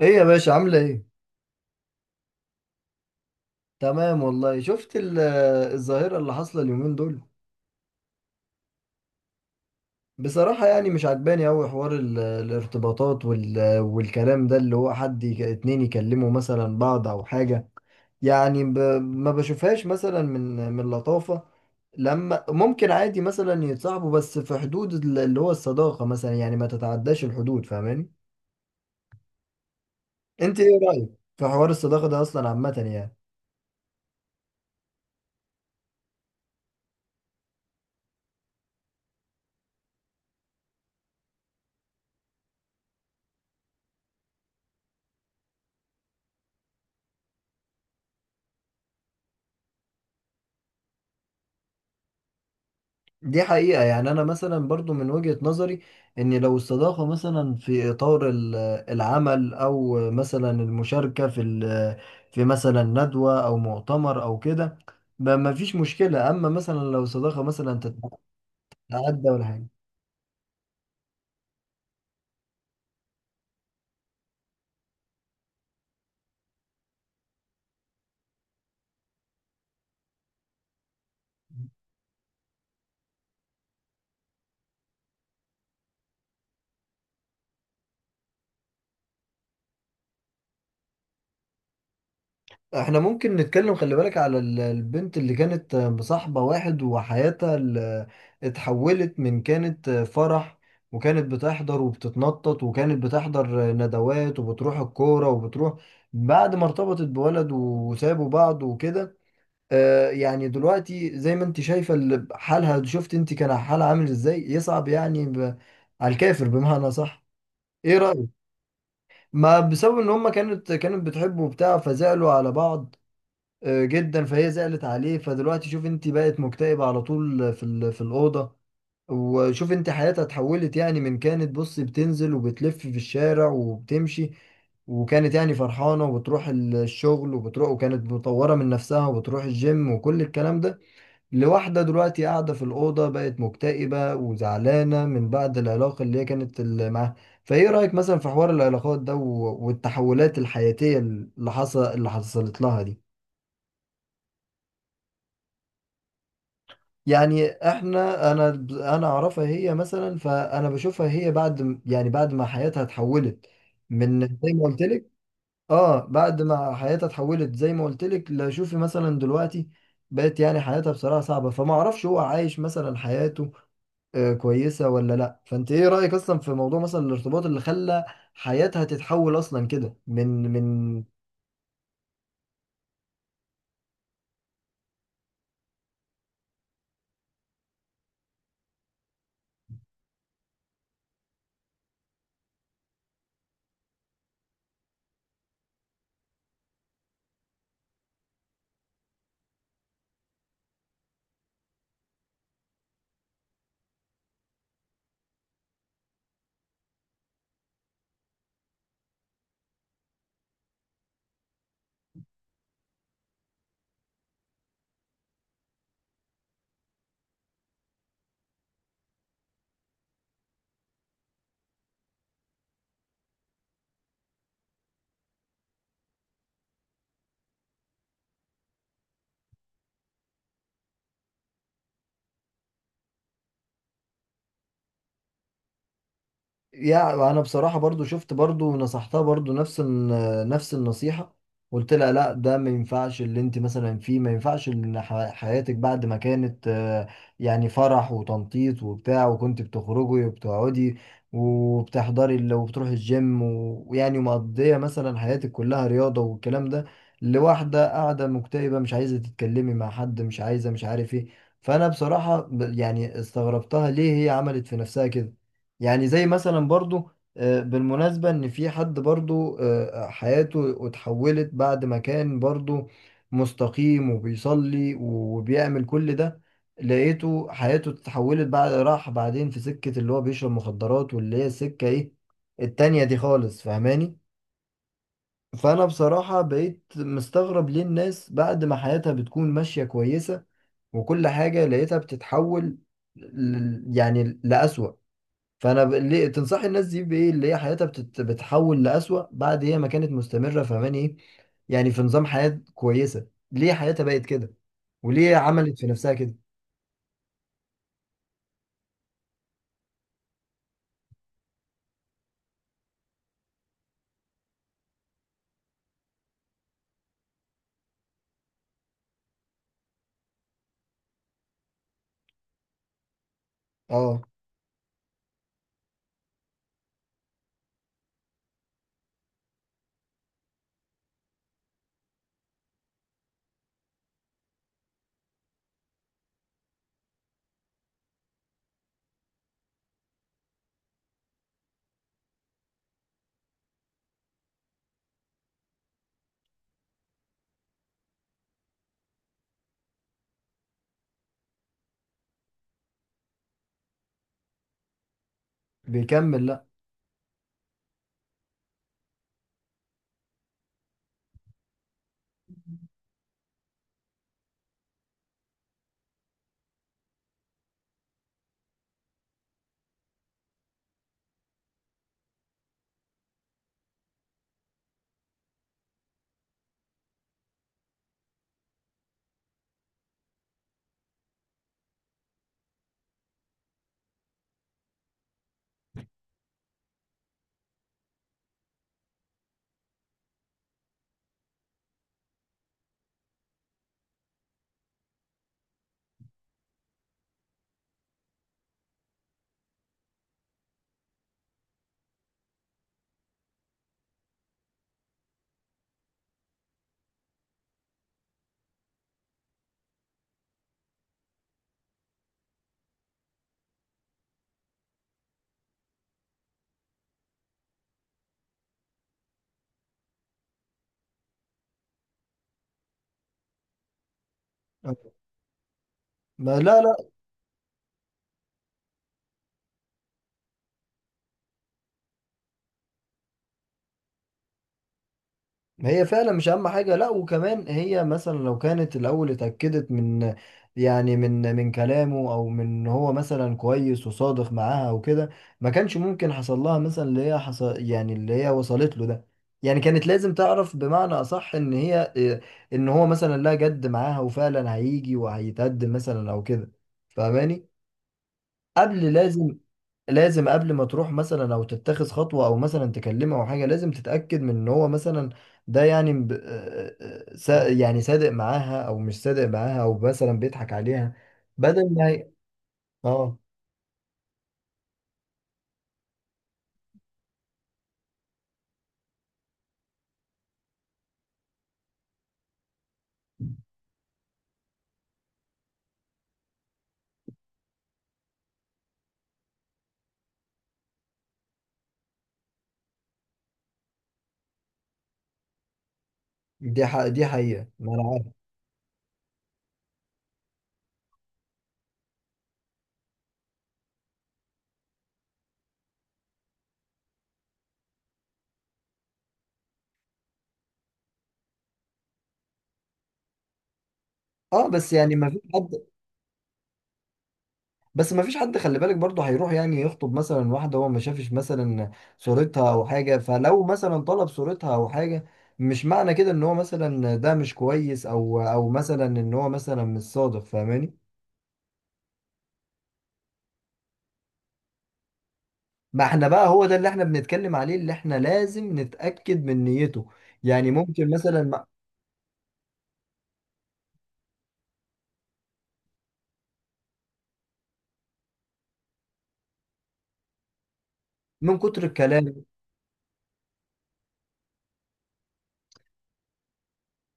ايه يا باشا؟ عاملة ايه؟ تمام والله. شفت الظاهرة اللي حاصلة اليومين دول؟ بصراحة يعني مش عجباني أوي حوار الارتباطات والكلام ده، اللي هو حد اتنين يكلموا مثلا بعض أو حاجة. يعني ما بشوفهاش مثلا من لطافة، لما ممكن عادي مثلا يتصاحبوا، بس في حدود اللي هو الصداقة مثلا، يعني ما تتعداش الحدود. فاهماني؟ انت ايه رأيك في حوار الصداقة ده أصلا عامة يعني؟ دي حقيقة. يعني أنا مثلا برضو من وجهة نظري، إن لو الصداقة مثلا في إطار العمل، أو مثلا المشاركة في في مثلا ندوة أو مؤتمر أو كده، ما فيش مشكلة. أما مثلا لو صداقة مثلا تتعدى ولا حاجة. احنا ممكن نتكلم، خلي بالك، على البنت اللي كانت مصاحبة واحد وحياتها اتحولت. من كانت فرح وكانت بتحضر وبتتنطط وكانت بتحضر ندوات وبتروح الكورة وبتروح، بعد ما ارتبطت بولد وسابوا بعض وكده. اه يعني دلوقتي زي ما انت شايفة حالها. شفت انت كان حالها عامل ازاي؟ يصعب يعني على الكافر، بمعنى صح. ايه رأيك؟ ما بسبب ان هما كانت بتحب وبتاع، فزعلوا على بعض. آه، جدا. فهي زعلت عليه، فدلوقتي شوف انت بقت مكتئبة على طول في في الأوضة. وشوف انت حياتها اتحولت. يعني من كانت، بص، بتنزل وبتلف في الشارع وبتمشي، وكانت يعني فرحانة وبتروح الشغل وبتروح، وكانت مطورة من نفسها وبتروح الجيم وكل الكلام ده، لواحدة دلوقتي قاعدة في الأوضة، بقت مكتئبة وزعلانة من بعد العلاقة اللي هي كانت معاها. فايه رأيك مثلا في حوار العلاقات ده والتحولات الحياتية اللي حصلت لها دي؟ يعني انا انا اعرفها هي مثلا، فانا بشوفها هي بعد يعني بعد ما حياتها اتحولت من زي ما قلت لك. اه بعد ما حياتها اتحولت زي ما قلت لك، لا شوفي مثلا دلوقتي بقت يعني حياتها بصراحة صعبة، فما اعرفش هو عايش مثلا حياته آه كويسة ولا لا. فانت ايه رأيك اصلا في موضوع مثلا الارتباط اللي خلى حياتها تتحول اصلا كده من يعني. انا بصراحه برضو شفت برضو ونصحتها برضو نفس نفس النصيحه. قلت لها لا، ده ما ينفعش، اللي انت مثلا فيه ما ينفعش، ان حياتك بعد ما كانت آه، يعني فرح وتنطيط وبتاع، وكنت بتخرجي وبتقعدي وبتحضري وبتروحي الجيم ويعني مقضيه مثلا حياتك كلها رياضه والكلام ده، لواحده قاعده مكتئبه، مش عايزه تتكلمي مع حد، مش عايزه، مش عارف ايه. فانا بصراحه يعني استغربتها، ليه هي عملت في نفسها كده؟ يعني زي مثلا برضو آه، بالمناسبة، ان في حد برضو آه، حياته اتحولت بعد ما كان برضو مستقيم وبيصلي وبيعمل كل ده، لقيته حياته اتحولت، بعد راح بعدين في سكة اللي هو بيشرب مخدرات، واللي هي السكة ايه التانية دي خالص. فاهماني؟ فانا بصراحة بقيت مستغرب، ليه الناس بعد ما حياتها بتكون ماشية كويسة وكل حاجة، لقيتها بتتحول يعني لأسوأ. فانا ليه تنصحي الناس دي بايه؟ اللي هي حياتها بتحول لأسوأ بعد هي ما كانت مستمره. فاهماني ايه يعني؟ في نظام حياه كويسه، ليه حياتها بقت كده وليه عملت في نفسها كده؟ اه بيكمل لا. آه. ما لا، لا. هي فعلا مش اهم حاجه. لا، وكمان هي مثلا لو كانت الاول اتاكدت من يعني من كلامه، او من إن هو مثلا كويس وصادق معاها وكده، ما كانش ممكن حصل لها مثلا اللي هي حصل، يعني اللي هي وصلت له ده. يعني كانت لازم تعرف، بمعنى اصح، ان هي إيه، ان هو مثلا لا، جد معاها وفعلا هيجي وهيتقدم مثلا او كده. فاهماني؟ قبل لازم، لازم قبل ما تروح مثلا او تتخذ خطوه او مثلا تكلمه او حاجه، لازم تتاكد من ان هو مثلا ده يعني آه، آه، يعني صادق معاها او مش صادق معاها، او مثلا بيضحك عليها بدل ما اه. دي دي حقيقه. ما انا عارف. اه بس يعني ما فيش حد، بس ما فيش حد، خلي بالك برضه، هيروح يعني يخطب مثلا واحده هو ما شافش مثلا صورتها او حاجه. فلو مثلا طلب صورتها او حاجه، مش معنى كده ان هو مثلا ده مش كويس، او او مثلا ان هو مثلا مش صادق. فاهماني؟ ما احنا بقى هو ده اللي احنا بنتكلم عليه، اللي احنا لازم نتأكد من نيته. يعني ممكن مثلا من كتر الكلام.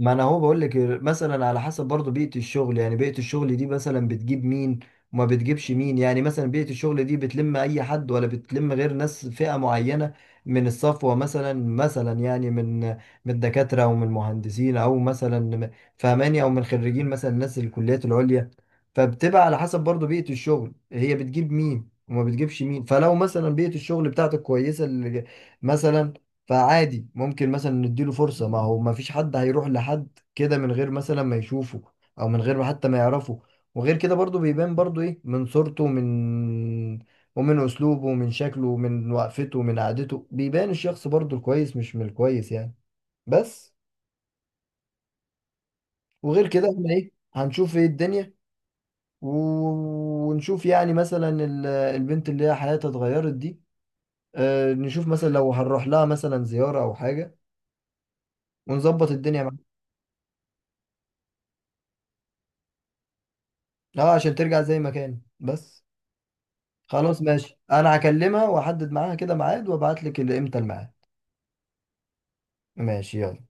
ما انا هو بقول لك، مثلا على حسب برضه بيئة الشغل، يعني بيئة الشغل دي مثلا بتجيب مين وما بتجيبش مين. يعني مثلا بيئة الشغل دي بتلم اي حد، ولا بتلم غير ناس فئة معينة من الصفوة مثلا، مثلا يعني من الدكاترة او من المهندسين، او مثلا فهماني، او من خريجين مثلا ناس الكليات العليا. فبتبقى على حسب برضه بيئة الشغل هي بتجيب مين وما بتجيبش مين. فلو مثلا بيئة الشغل بتاعتك كويسة مثلا، فعادي ممكن مثلا نديله فرصة. ما هو ما فيش حد هيروح لحد كده من غير مثلا ما يشوفه، او من غير ما حتى ما يعرفه. وغير كده برضو بيبان برضو ايه، من صورته، ومن اسلوبه ومن شكله ومن وقفته ومن قعدته، بيبان الشخص برضو الكويس مش من الكويس يعني. بس وغير كده، احنا ايه، هنشوف ايه الدنيا ونشوف يعني مثلا البنت اللي هي حياتها اتغيرت دي. آه، نشوف مثلا لو هنروح لها مثلا زيارة او حاجة ونظبط الدنيا. اه عشان ترجع زي ما كان. بس خلاص ماشي، انا هكلمها واحدد معاها كده ميعاد وابعت لك امتى الميعاد. ماشي، يلا.